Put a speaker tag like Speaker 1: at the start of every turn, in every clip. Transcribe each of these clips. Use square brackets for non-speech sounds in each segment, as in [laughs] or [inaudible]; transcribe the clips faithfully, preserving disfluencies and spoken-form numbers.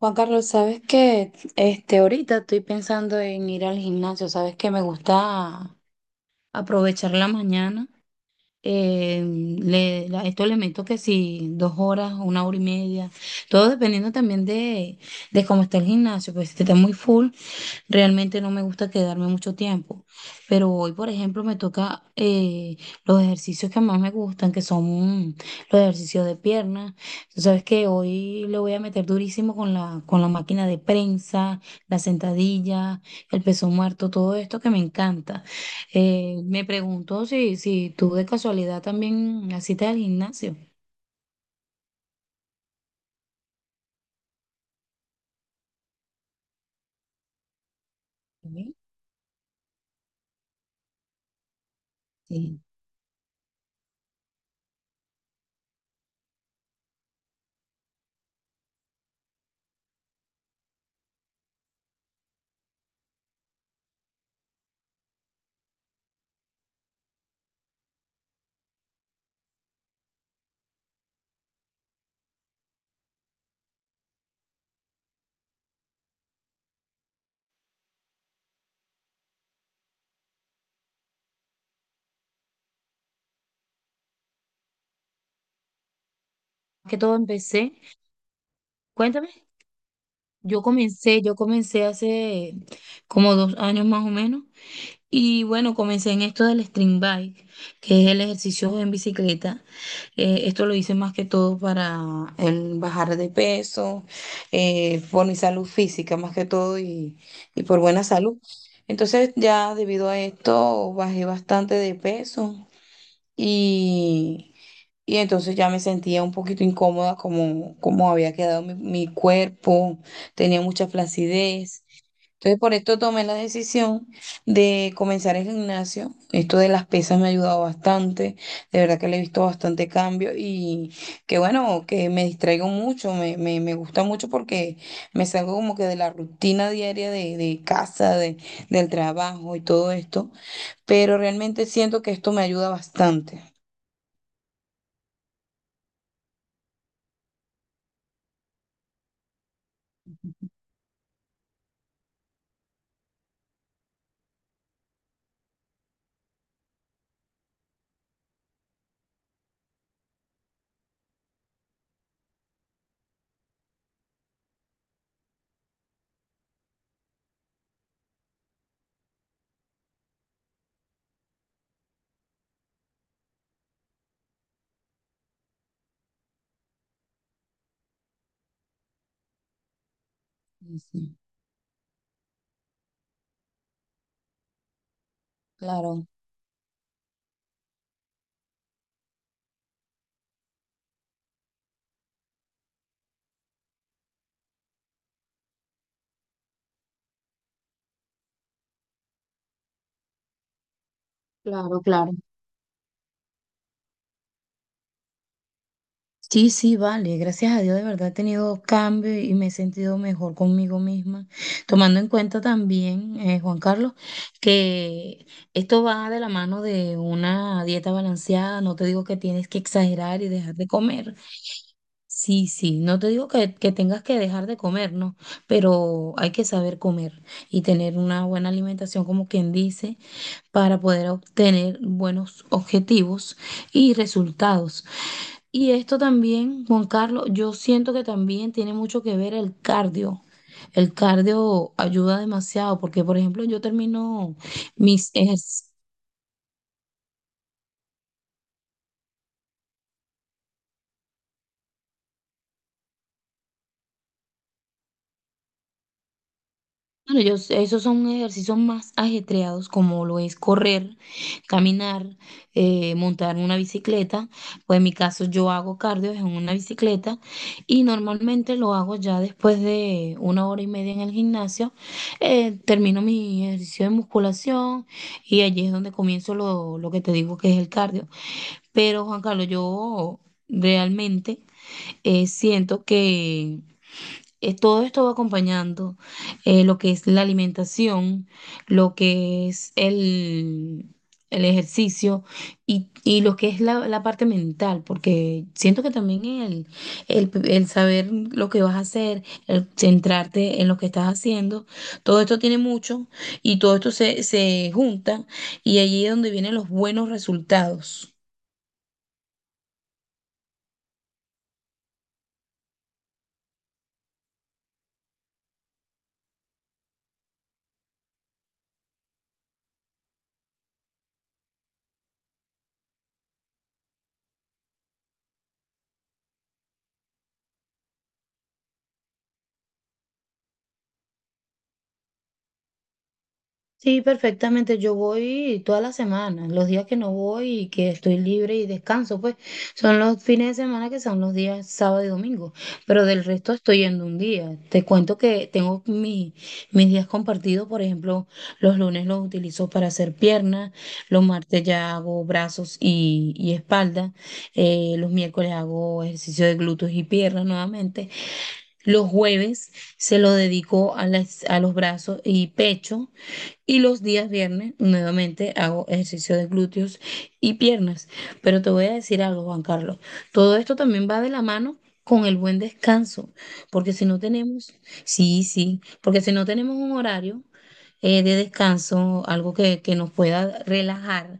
Speaker 1: Juan Carlos, sabes que este, ahorita estoy pensando en ir al gimnasio. Sabes que me gusta aprovechar la mañana. eh, le, la- Esto le meto que si dos horas, una hora y media, todo dependiendo también de, de cómo está el gimnasio. Pues si está muy full, realmente no me gusta quedarme mucho tiempo, pero hoy, por ejemplo, me toca eh, los ejercicios que más me gustan, que son mm, los ejercicios de piernas. Tú sabes que hoy le voy a meter durísimo con la, con la máquina de prensa, la sentadilla, el peso muerto, todo esto que me encanta. Eh, me preguntó si, si tú de casualidad también asistes al gimnasio. Sí, sí. Más que todo empecé, cuéntame, yo comencé, yo comencé hace como dos años más o menos. Y bueno, comencé en esto del string bike, que es el ejercicio en bicicleta. Eh, esto lo hice más que todo para el bajar de peso, eh, por mi salud física más que todo y, y por buena salud. Entonces ya debido a esto bajé bastante de peso. Y, y entonces ya me sentía un poquito incómoda como, como había quedado mi, mi cuerpo, tenía mucha flacidez. Entonces por esto tomé la decisión de comenzar el gimnasio. Esto de las pesas me ha ayudado bastante, de verdad que le he visto bastante cambio y que bueno, que me distraigo mucho, me, me, me gusta mucho porque me salgo como que de la rutina diaria de, de casa, de, del trabajo y todo esto, pero realmente siento que esto me ayuda bastante. Sí, sí, claro. Claro, claro. Sí, sí, vale, gracias a Dios de verdad he tenido cambios y me he sentido mejor conmigo misma, tomando en cuenta también, eh, Juan Carlos, que esto va de la mano de una dieta balanceada. No te digo que tienes que exagerar y dejar de comer. Sí, sí, no te digo que, que tengas que dejar de comer, no, pero hay que saber comer y tener una buena alimentación, como quien dice, para poder obtener buenos objetivos y resultados. Y esto también, Juan Carlos, yo siento que también tiene mucho que ver el cardio. El cardio ayuda demasiado porque, por ejemplo, yo termino mis ejercicios. Bueno, yo sé, esos son ejercicios más ajetreados, como lo es correr, caminar, eh, montar una bicicleta. Pues en mi caso yo hago cardio en una bicicleta y normalmente lo hago ya después de una hora y media en el gimnasio. Eh, termino mi ejercicio de musculación y allí es donde comienzo lo, lo que te digo que es el cardio. Pero Juan Carlos, yo realmente eh, siento que eh, todo esto va acompañando, eh, lo que es la alimentación, lo que es el, el ejercicio y, y lo que es la, la parte mental, porque siento que también el, el, el saber lo que vas a hacer, el centrarte en lo que estás haciendo, todo esto tiene mucho y todo esto se, se junta y allí es donde vienen los buenos resultados. Sí, perfectamente. Yo voy todas las semanas. Los días que no voy y que estoy libre y descanso, pues son los fines de semana, que son los días sábado y domingo. Pero del resto estoy yendo un día. Te cuento que tengo mi- mis días compartidos. Por ejemplo, los lunes los utilizo para hacer piernas, los martes ya hago brazos y, y espalda, eh, los miércoles hago ejercicio de glúteos y piernas nuevamente. Los jueves se lo dedico a las- a los brazos y pecho. Y los días viernes nuevamente hago ejercicio de glúteos y piernas. Pero te voy a decir algo, Juan Carlos. Todo esto también va de la mano con el buen descanso. Porque si no tenemos, sí, sí, porque si no tenemos un horario, eh, de descanso, algo que, que nos pueda relajar,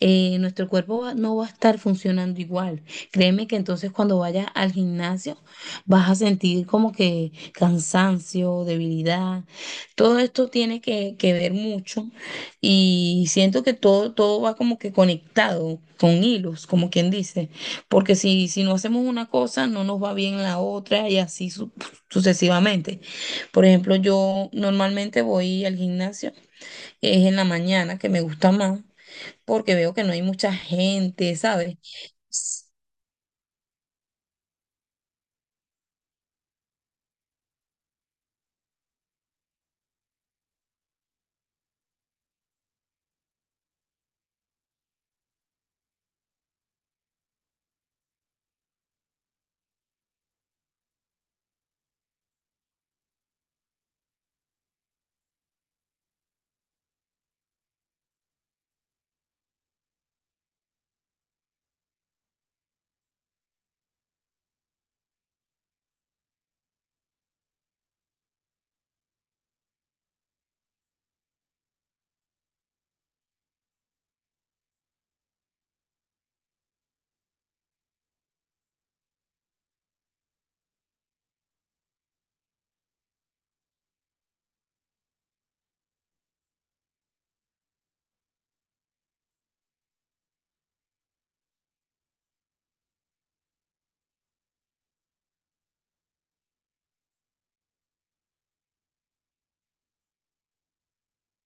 Speaker 1: eh, nuestro cuerpo va- no va a estar funcionando igual. Créeme que entonces cuando vayas al gimnasio vas a sentir como que cansancio, debilidad. Todo esto tiene que, que ver mucho y siento que todo, todo va como que conectado con hilos, como quien dice, porque si, si no hacemos una cosa, no nos va bien la otra y así su- sucesivamente. Por ejemplo, yo normalmente voy al gimnasio, es en la mañana que me gusta más porque veo que no hay mucha gente, ¿sabes?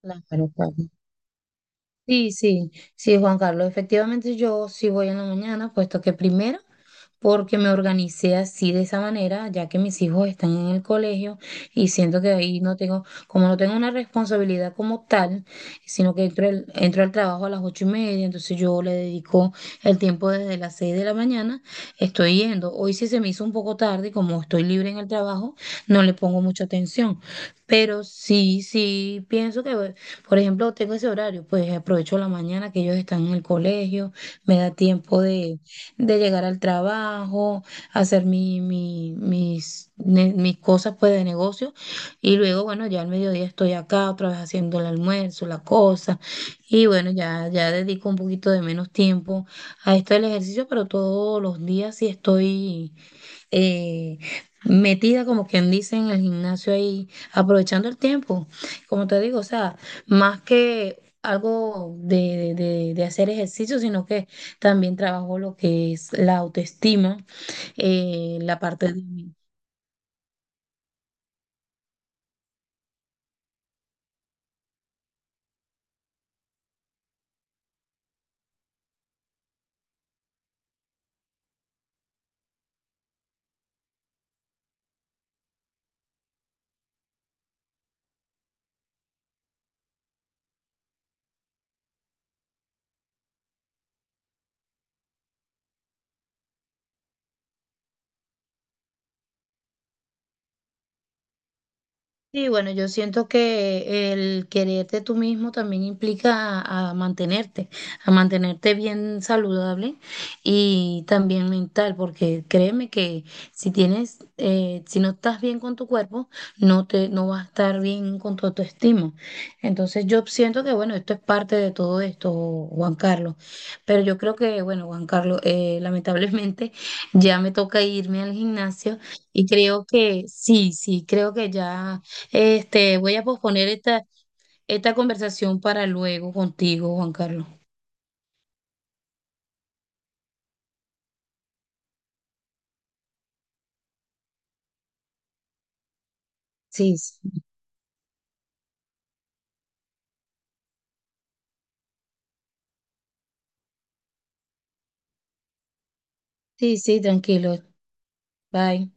Speaker 1: Claro, claro. Sí, sí, sí, Juan Carlos. Efectivamente, yo sí voy en la mañana, puesto que primero, porque me organicé así de esa manera, ya que mis hijos están en el colegio y siento que ahí no tengo, como no tengo una responsabilidad como tal, sino que entro, al- entro al trabajo a las ocho y media. Entonces yo le dedico el tiempo desde las seis de la mañana, estoy yendo. Hoy sí se me hizo un poco tarde, y como estoy libre en el trabajo, no le pongo mucha atención, pero sí, sí pienso que, por ejemplo, tengo ese horario, pues aprovecho la mañana que ellos están en el colegio. Me da tiempo de de llegar al trabajo, hacer mi, mi- mis, ne- mis cosas pues de negocio y luego, bueno, ya al mediodía estoy acá otra vez haciendo el almuerzo, la cosa, y bueno, ya, ya dedico un poquito de menos tiempo a esto del ejercicio, pero todos los días sí estoy eh, metida, como quien dice, en el gimnasio ahí, aprovechando el tiempo. Como te digo, o sea, más que algo de, de- de hacer ejercicio, sino que también trabajo lo que es la autoestima, eh, la parte de, sí, bueno, yo siento que el quererte tú mismo también implica a, a mantenerte, a mantenerte bien saludable y también mental, porque créeme que si tienes, eh, si no estás bien con tu cuerpo, no te, no vas a estar bien con tu autoestima. Entonces yo siento que, bueno, esto es parte de todo esto, Juan Carlos. Pero yo creo que, bueno, Juan Carlos, eh, lamentablemente [laughs] ya me toca irme al gimnasio y creo que sí, sí, creo que ya. Este, voy a posponer esta, esta conversación para luego contigo, Juan Carlos. Sí, sí, sí, sí, tranquilo. Bye.